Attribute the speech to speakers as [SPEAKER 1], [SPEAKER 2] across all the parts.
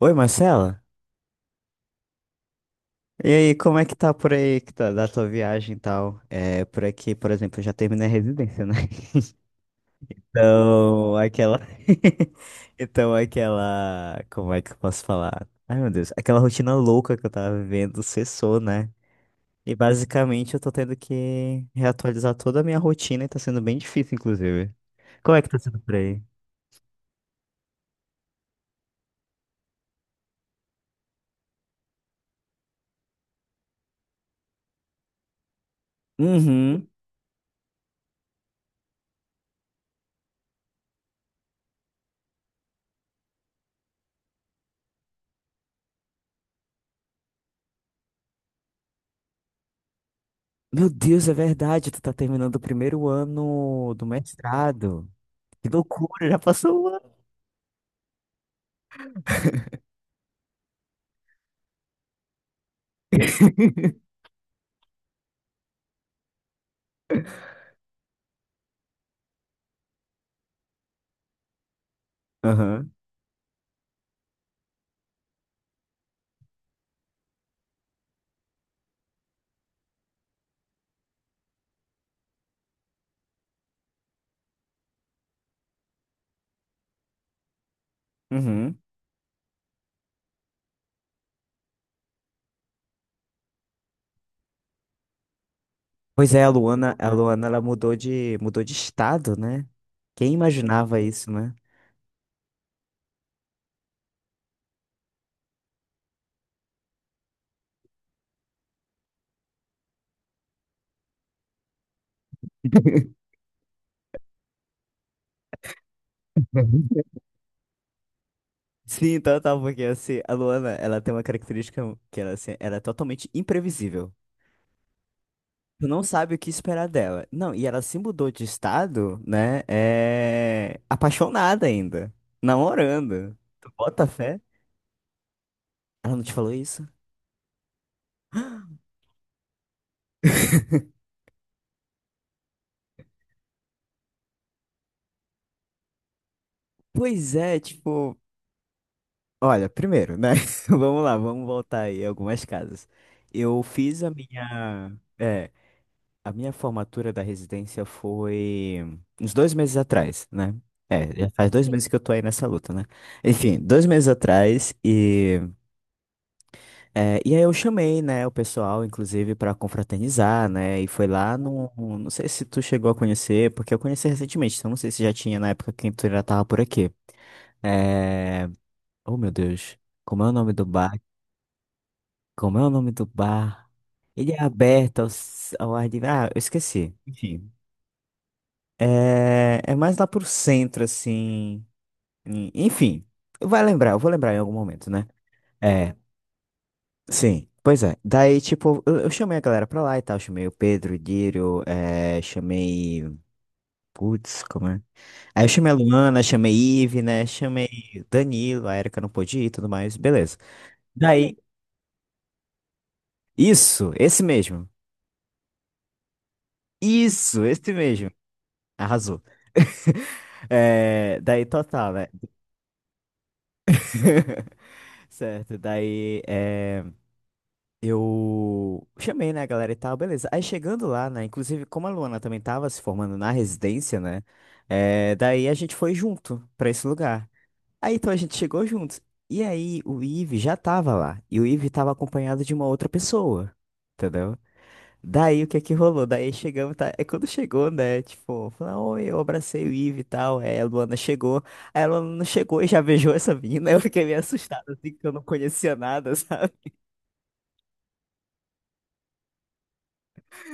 [SPEAKER 1] Oi, Marcela. E aí, como é que tá por aí, da tua viagem e tal? Por aqui, por exemplo, eu já terminei a residência, né? Então, aquela... Como é que eu posso falar? Ai, meu Deus. Aquela rotina louca que eu tava vivendo cessou, né? E basicamente eu tô tendo que reatualizar toda a minha rotina e tá sendo bem difícil, inclusive. Como é que tá sendo por aí? Uhum. Meu Deus, é verdade. Tu tá terminando o primeiro ano do mestrado. Que loucura, já passou um. Aham. Uhum. Pois é, a Luana, ela mudou de estado, né? Quem imaginava isso, né? Sim, então tá, porque assim, a Luana, ela tem uma característica que ela, assim, ela é totalmente imprevisível. Tu não sabe o que esperar dela. Não, e ela se mudou de estado, né? Apaixonada ainda. Namorando. Tu bota fé? Ela não te falou isso? Pois é, tipo. Olha, primeiro, né? Vamos lá, vamos voltar aí algumas casas. Eu fiz a minha, é, a minha formatura da residência foi uns 2 meses atrás, né? Já faz 2 meses que eu tô aí nessa luta, né? Enfim, 2 meses atrás e aí eu chamei, né, o pessoal, inclusive, pra confraternizar, né? E foi lá no, não sei se tu chegou a conhecer, porque eu conheci recentemente, então não sei se já tinha na época que tu já tava por aqui. É, oh meu Deus, como é o nome do bar? Como é o nome do bar? Ele é aberto ao ar livre. Ah, eu esqueci. Enfim. É mais lá pro centro, assim. Enfim. Eu vou lembrar em algum momento, né? É, sim. Pois é. Daí, tipo, eu chamei a galera pra lá e tal. Chamei o Pedro, o Dírio, chamei. Putz, como é? Aí eu chamei a Luana, chamei Ive, né? Chamei o Danilo, a Erika não pôde ir e tudo mais. Beleza. Daí, isso, esse mesmo. Isso, esse mesmo. Arrasou. Daí total, né? Certo, daí eu chamei, né, a galera e tal, beleza. Aí chegando lá, né, inclusive como a Luana também tava se formando na residência, né, daí a gente foi junto pra esse lugar. Aí então a gente chegou juntos. E aí o Ive já tava lá, e o Ive tava acompanhado de uma outra pessoa, entendeu? Daí o que é que rolou? Daí chegamos, tá? É quando chegou, né? Tipo, falou, oi, eu abracei o Ive e tal. Aí a Luana chegou. Aí a Luana chegou e já beijou essa menina. Eu fiquei meio assustado, assim, que eu não conhecia nada, sabe?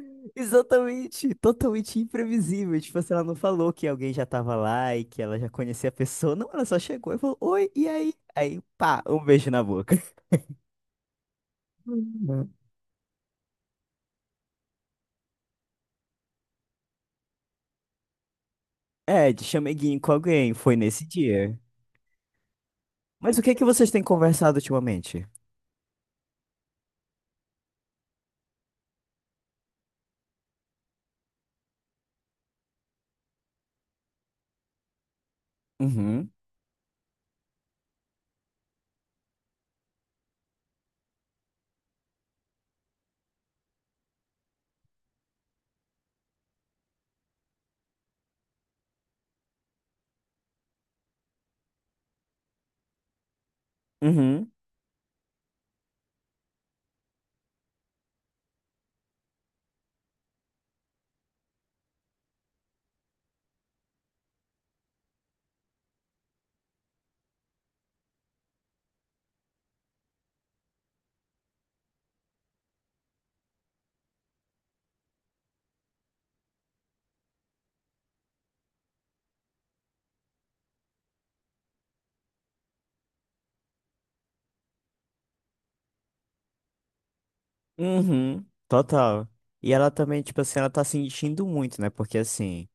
[SPEAKER 1] Exatamente, totalmente imprevisível. Tipo, assim, ela não falou que alguém já tava lá e que ela já conhecia a pessoa. Não, ela só chegou e falou, oi, e aí? Aí, pá, um beijo na boca. Uhum. É, de chameguinho com alguém, foi nesse dia. Mas o que é que vocês têm conversado ultimamente? Uhum, uhum. Uhum, total. E ela também, tipo assim, ela tá sentindo muito, né? Porque assim,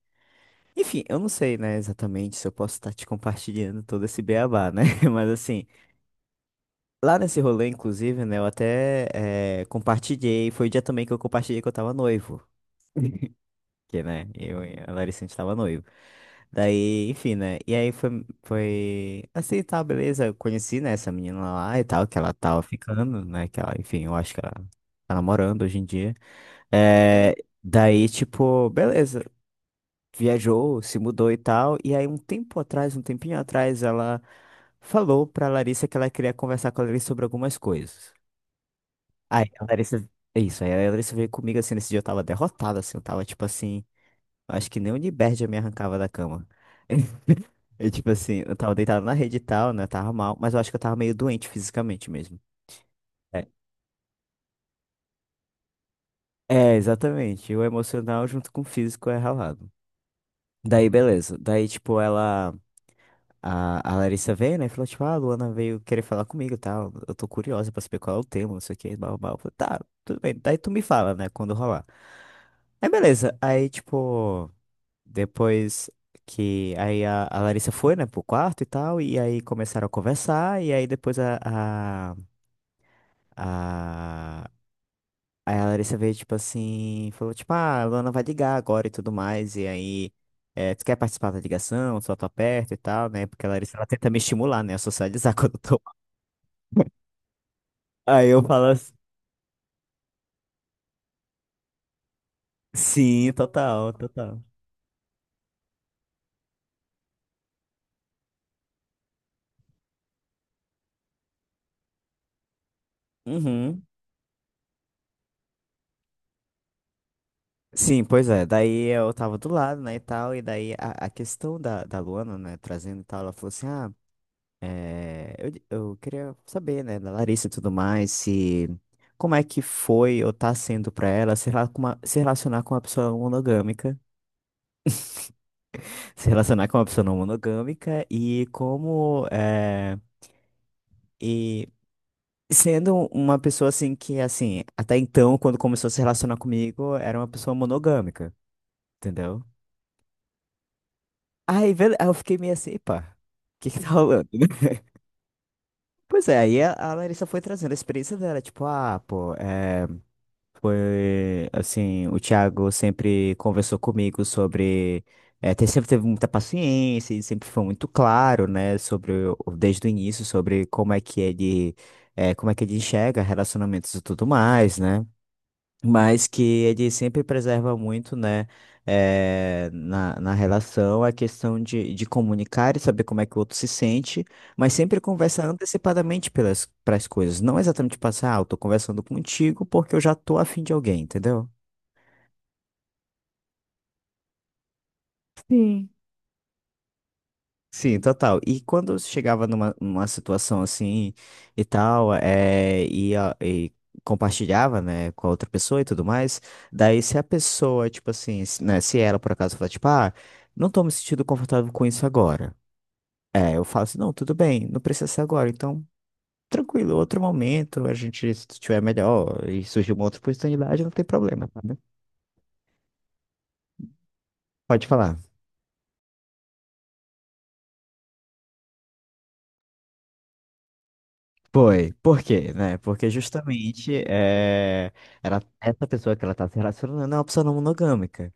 [SPEAKER 1] enfim, eu não sei, né, exatamente se eu posso estar te compartilhando todo esse beabá, né? Mas assim, lá nesse rolê, inclusive, né, eu até compartilhei, foi o dia também que eu compartilhei que eu tava noivo. Que, né? Eu, e a Larissa, a gente tava noivo. Daí, enfim, né? E aí foi assim, tá, beleza. Eu conheci, né, essa menina lá e tal, que ela tava ficando, né? Que ela, enfim, eu acho que ela tá namorando hoje em dia. É, daí, tipo, beleza. Viajou, se mudou e tal. E aí, um tempo atrás, um tempinho atrás, ela falou pra Larissa que ela queria conversar com a Larissa sobre algumas coisas. Aí, a Larissa. Isso, aí a Larissa veio comigo assim, nesse dia eu tava derrotado, assim, eu tava tipo assim. Acho que nem o Liberty eu me arrancava da cama. E tipo assim, eu tava deitado na rede e tal, né? Tava mal, mas eu acho que eu tava meio doente fisicamente mesmo. É, é, exatamente. O emocional junto com o físico é ralado. Daí, beleza. Daí, tipo, ela. A Larissa veio, né? E falou, tipo, ah, a Luana veio querer falar comigo e tal. Eu tô curiosa pra saber qual é o tema, não sei o que, blá, blá, blá. Eu falei, tá, tudo bem. Daí tu me fala, né? Quando rolar. Aí, beleza. Aí, tipo. Depois que aí a Larissa foi, né, pro quarto e tal, e aí começaram a conversar, e aí depois a, aí a Larissa veio, tipo assim, falou, tipo, ah, a Luana vai ligar agora e tudo mais, e aí, tu quer participar da ligação, só tô perto e tal, né, porque a Larissa, ela tenta me estimular, né, a socializar quando eu tô. Aí eu falo assim, sim, total, total. Uhum. Sim, pois é. Daí eu tava do lado, né, e tal. E daí a questão da Luana, né, trazendo e tal, ela falou assim, ah, eu queria saber, né, da Larissa e tudo mais, se como é que foi ou tá sendo pra ela se relacionar com uma pessoa monogâmica, se relacionar com uma pessoa não monogâmica e e sendo uma pessoa assim que assim, até então quando começou a se relacionar comigo, era uma pessoa monogâmica, entendeu? Aí eu fiquei meio assim, pá, o que que tá rolando, né? Pois é, aí a Larissa foi trazendo a experiência dela, tipo, ah, pô, é. Foi assim, o Thiago sempre conversou comigo sobre. Sempre teve muita paciência e sempre foi muito claro, né, sobre desde o início, sobre como é que ele, é, como é que ele enxerga relacionamentos e tudo mais, né? Mas que ele sempre preserva muito, né, na relação, a questão de comunicar e saber como é que o outro se sente, mas sempre conversa antecipadamente pelas pras coisas, não exatamente passar, ah, eu tô conversando contigo porque eu já tô afim de alguém, entendeu? Sim. Sim, total. E quando você chegava numa situação assim e tal, e compartilhava, né, com a outra pessoa e tudo mais, daí se a pessoa, tipo assim, né, se ela por acaso falar, tipo, ah, não tô me sentindo confortável com isso agora. Eu falo assim, não, tudo bem, não precisa ser agora, então, tranquilo, outro momento, a gente, se tiver melhor e surgir uma outra oportunidade, não tem problema, tá, né? Pode falar. Foi. Por quê, né? Porque justamente essa pessoa que ela tá se relacionando é uma pessoa não monogâmica.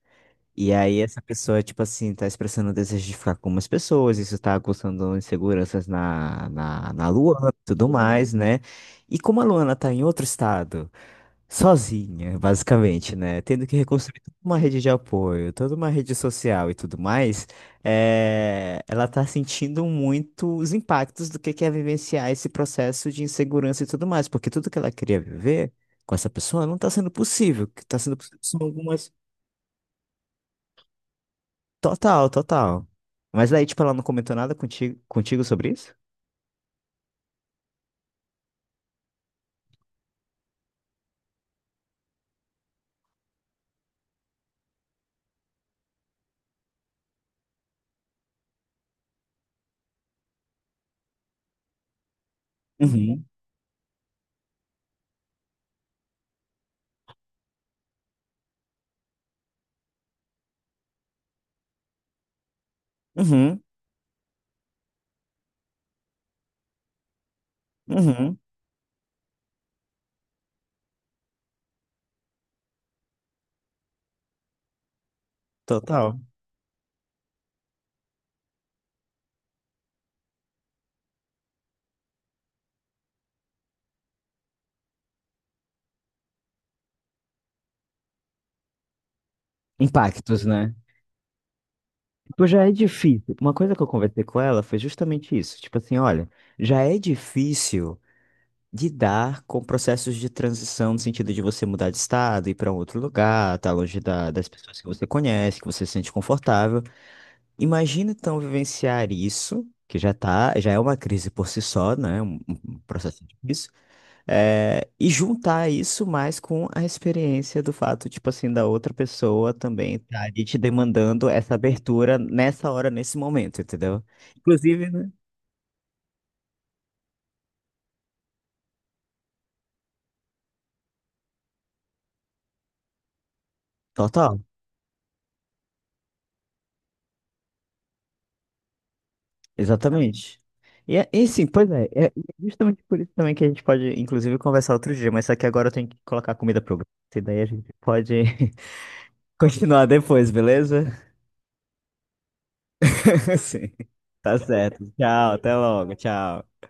[SPEAKER 1] E aí essa pessoa, tipo assim, tá expressando o desejo de ficar com umas pessoas, isso tá causando inseguranças na Luana e tudo mais, né? E como a Luana tá em outro estado, sozinha, basicamente, né? Tendo que reconstruir toda uma rede de apoio, toda uma rede social e tudo mais, ela tá sentindo muito os impactos do que é vivenciar esse processo de insegurança e tudo mais, porque tudo que ela queria viver com essa pessoa não tá sendo possível. O que tá sendo possível são algumas. Total, total. Mas daí, tipo, ela não comentou nada contigo sobre isso? Uhum, uhum, uhum. Total. Impactos, né? Tipo, já é difícil. Uma coisa que eu conversei com ela foi justamente isso. Tipo assim, olha, já é difícil lidar com processos de transição no sentido de você mudar de estado, ir para um outro lugar, estar longe das pessoas que você conhece, que você se sente confortável. Imagina então vivenciar isso, que já é uma crise por si só, né? Um processo difícil. E juntar isso mais com a experiência do fato, tipo assim, da outra pessoa também tá ali te demandando essa abertura nessa hora, nesse momento, entendeu? Inclusive, né? Total. Exatamente. E sim, pois é, justamente por isso também que a gente pode, inclusive, conversar outro dia, mas só que agora eu tenho que colocar a comida pro gato, daí a gente pode continuar depois, beleza? Sim. Tá certo. Tchau, até logo, tchau.